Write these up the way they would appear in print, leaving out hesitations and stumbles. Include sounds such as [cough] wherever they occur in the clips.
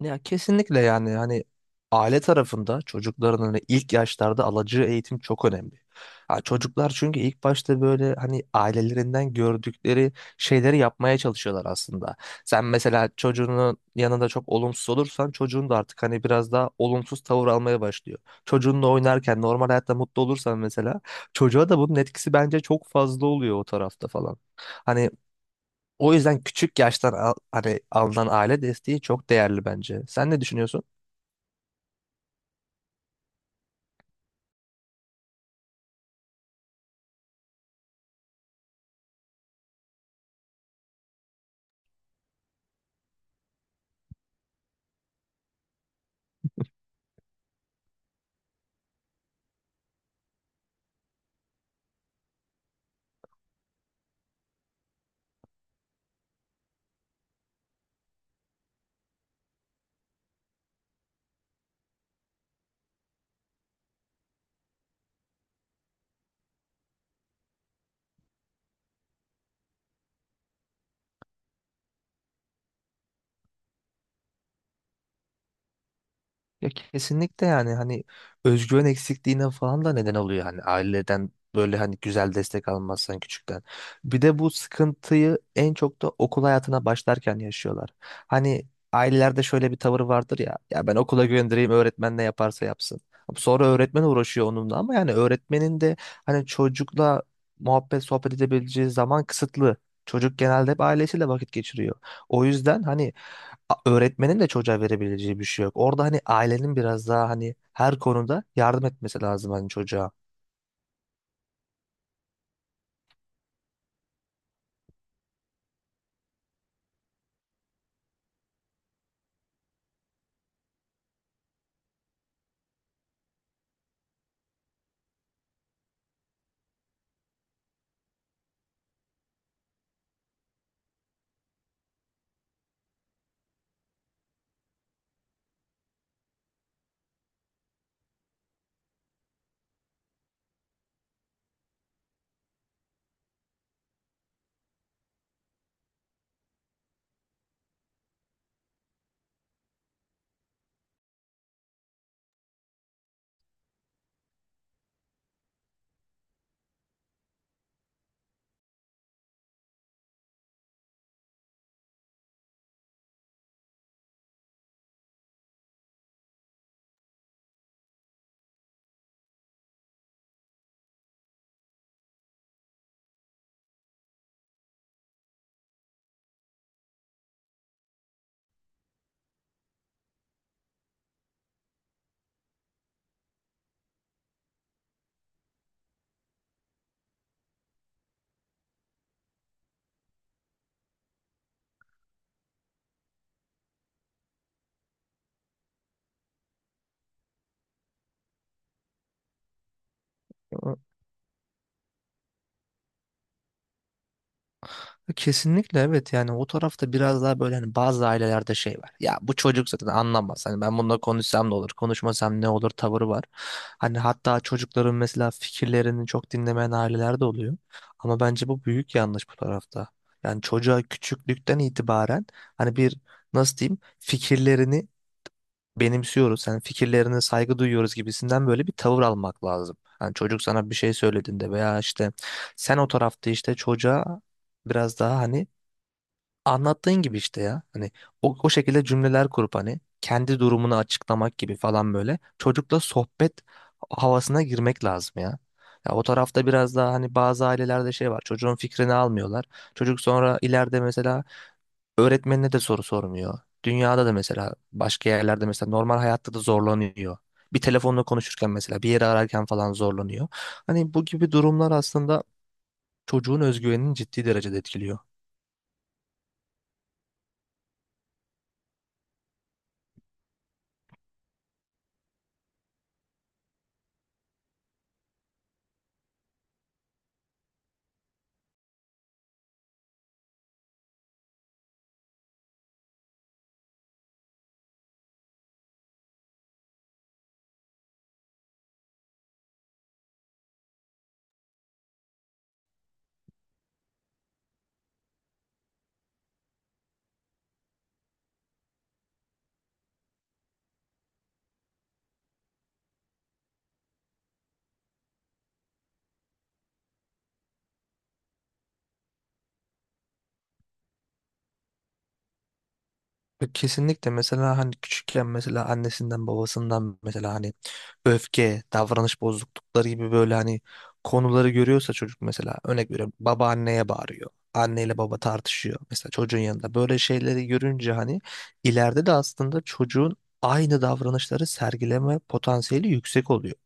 Ya kesinlikle yani hani aile tarafında çocukların hani ilk yaşlarda alacağı eğitim çok önemli. Ha, çocuklar çünkü ilk başta böyle hani ailelerinden gördükleri şeyleri yapmaya çalışıyorlar aslında. Sen mesela çocuğunun yanında çok olumsuz olursan çocuğun da artık hani biraz daha olumsuz tavır almaya başlıyor. Çocuğunla oynarken normal hayatta mutlu olursan mesela çocuğa da bunun etkisi bence çok fazla oluyor o tarafta falan. Hani o yüzden küçük yaştan hani alınan aile desteği çok değerli bence. Sen ne düşünüyorsun? Ya kesinlikle yani hani özgüven eksikliğine falan da neden oluyor hani aileden böyle hani güzel destek almazsan küçükten. Bir de bu sıkıntıyı en çok da okul hayatına başlarken yaşıyorlar. Hani ailelerde şöyle bir tavır vardır, ya ya ben okula göndereyim, öğretmen ne yaparsa yapsın. Sonra öğretmen uğraşıyor onunla, ama yani öğretmenin de hani çocukla muhabbet sohbet edebileceği zaman kısıtlı. Çocuk genelde hep ailesiyle vakit geçiriyor. O yüzden hani öğretmenin de çocuğa verebileceği bir şey yok. Orada hani ailenin biraz daha hani her konuda yardım etmesi lazım hani çocuğa. Kesinlikle, evet, yani o tarafta biraz daha böyle hani bazı ailelerde şey var. Ya bu çocuk zaten anlamaz. Hani ben bununla konuşsam ne olur, konuşmasam ne olur tavırı var. Hani hatta çocukların mesela fikirlerini çok dinlemeyen aileler de oluyor. Ama bence bu büyük yanlış bu tarafta. Yani çocuğa küçüklükten itibaren hani bir, nasıl diyeyim, fikirlerini benimsiyoruz, sen fikirlerine saygı duyuyoruz gibisinden böyle bir tavır almak lazım. Hani çocuk sana bir şey söylediğinde veya işte sen o tarafta işte çocuğa biraz daha hani anlattığın gibi işte ya. Hani o şekilde cümleler kurup hani kendi durumunu açıklamak gibi falan böyle çocukla sohbet havasına girmek lazım ya. Ya o tarafta biraz daha hani bazı ailelerde şey var. Çocuğun fikrini almıyorlar. Çocuk sonra ileride mesela öğretmenine de soru sormuyor. Dünyada da mesela, başka yerlerde mesela, normal hayatta da zorlanıyor. Bir telefonla konuşurken mesela, bir yere ararken falan zorlanıyor. Hani bu gibi durumlar aslında çocuğun özgüvenini ciddi derecede etkiliyor. Ya kesinlikle, mesela hani küçükken mesela annesinden babasından mesela hani öfke, davranış bozuklukları gibi böyle hani konuları görüyorsa çocuk, mesela örnek veriyorum, baba anneye bağırıyor. Anneyle baba tartışıyor mesela çocuğun yanında. Böyle şeyleri görünce hani ileride de aslında çocuğun aynı davranışları sergileme potansiyeli yüksek oluyor.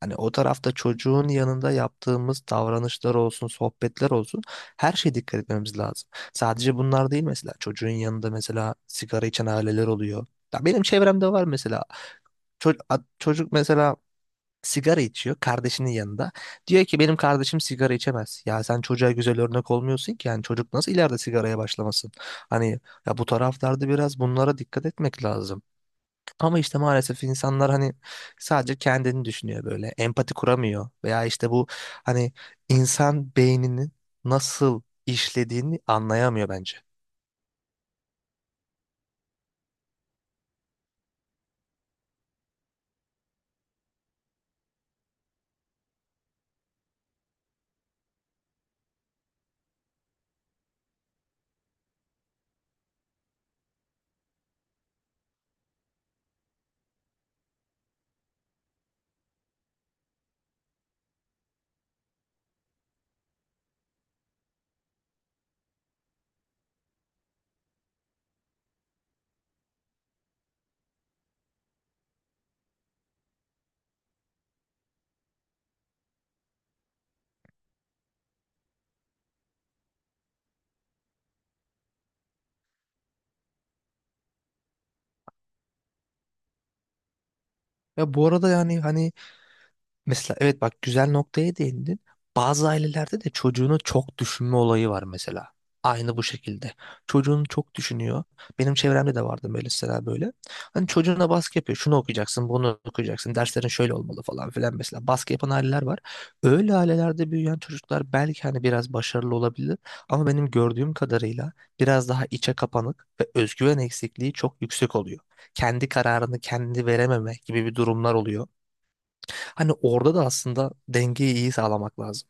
Hani o tarafta çocuğun yanında yaptığımız davranışlar olsun, sohbetler olsun, her şeye dikkat etmemiz lazım. Sadece bunlar değil, mesela çocuğun yanında mesela sigara içen aileler oluyor. Ya benim çevremde var mesela. Çocuk mesela sigara içiyor kardeşinin yanında. Diyor ki benim kardeşim sigara içemez. Ya sen çocuğa güzel örnek olmuyorsun ki, yani çocuk nasıl ileride sigaraya başlamasın? Hani ya, bu taraflarda biraz bunlara dikkat etmek lazım. Ama işte maalesef insanlar hani sadece kendini düşünüyor böyle. Empati kuramıyor. Veya işte bu hani, insan beyninin nasıl işlediğini anlayamıyor bence. Ya bu arada yani hani, mesela, evet, bak, güzel noktaya değindin. Bazı ailelerde de çocuğunu çok düşünme olayı var mesela. Aynı bu şekilde. Çocuğunu çok düşünüyor. Benim çevremde de vardı böyle mesela, böyle. Hani çocuğuna baskı yapıyor. Şunu okuyacaksın, bunu okuyacaksın. Derslerin şöyle olmalı falan filan mesela. Baskı yapan aileler var. Öyle ailelerde büyüyen çocuklar belki hani biraz başarılı olabilir. Ama benim gördüğüm kadarıyla biraz daha içe kapanık ve özgüven eksikliği çok yüksek oluyor. Kendi kararını kendi verememe gibi bir durumlar oluyor. Hani orada da aslında dengeyi iyi sağlamak lazım.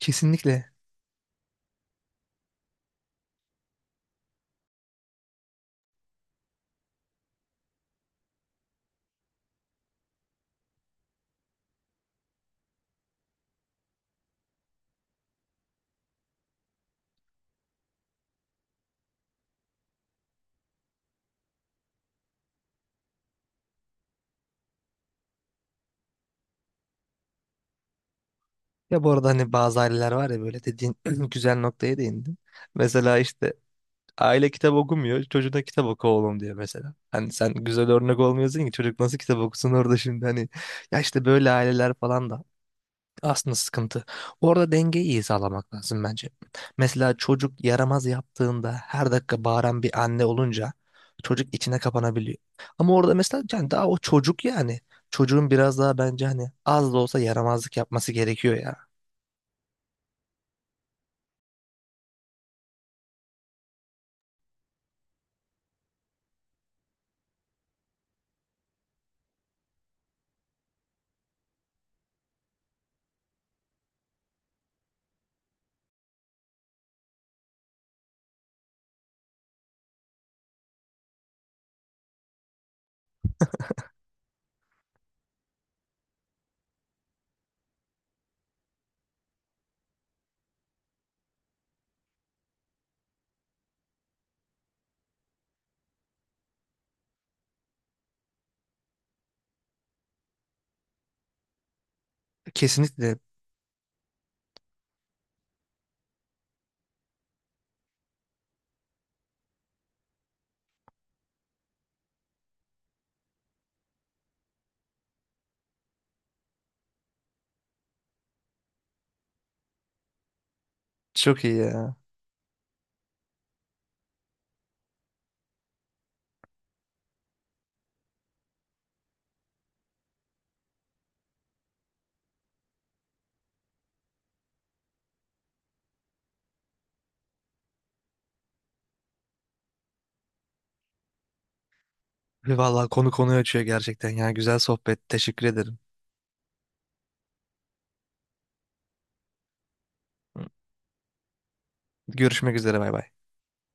Kesinlikle. Ya bu arada hani bazı aileler var ya böyle, dediğin [clears throat] güzel noktaya değindin. Mesela işte aile kitap okumuyor. Çocuğuna kitap oku oğlum diyor mesela. Hani sen güzel örnek olmuyorsun ki, çocuk nasıl kitap okusun orada şimdi hani. Ya işte böyle aileler falan da aslında sıkıntı. Orada dengeyi iyi sağlamak lazım bence. Mesela çocuk yaramaz yaptığında her dakika bağıran bir anne olunca çocuk içine kapanabiliyor. Ama orada mesela yani, daha o çocuk yani. Çocuğun biraz daha bence hani az da olsa yaramazlık yapması gerekiyor ya. Kesinlikle, çok iyi ya. Vallahi konu konuyu açıyor gerçekten ya. Güzel sohbet. Teşekkür ederim. Görüşmek üzere, bay bay.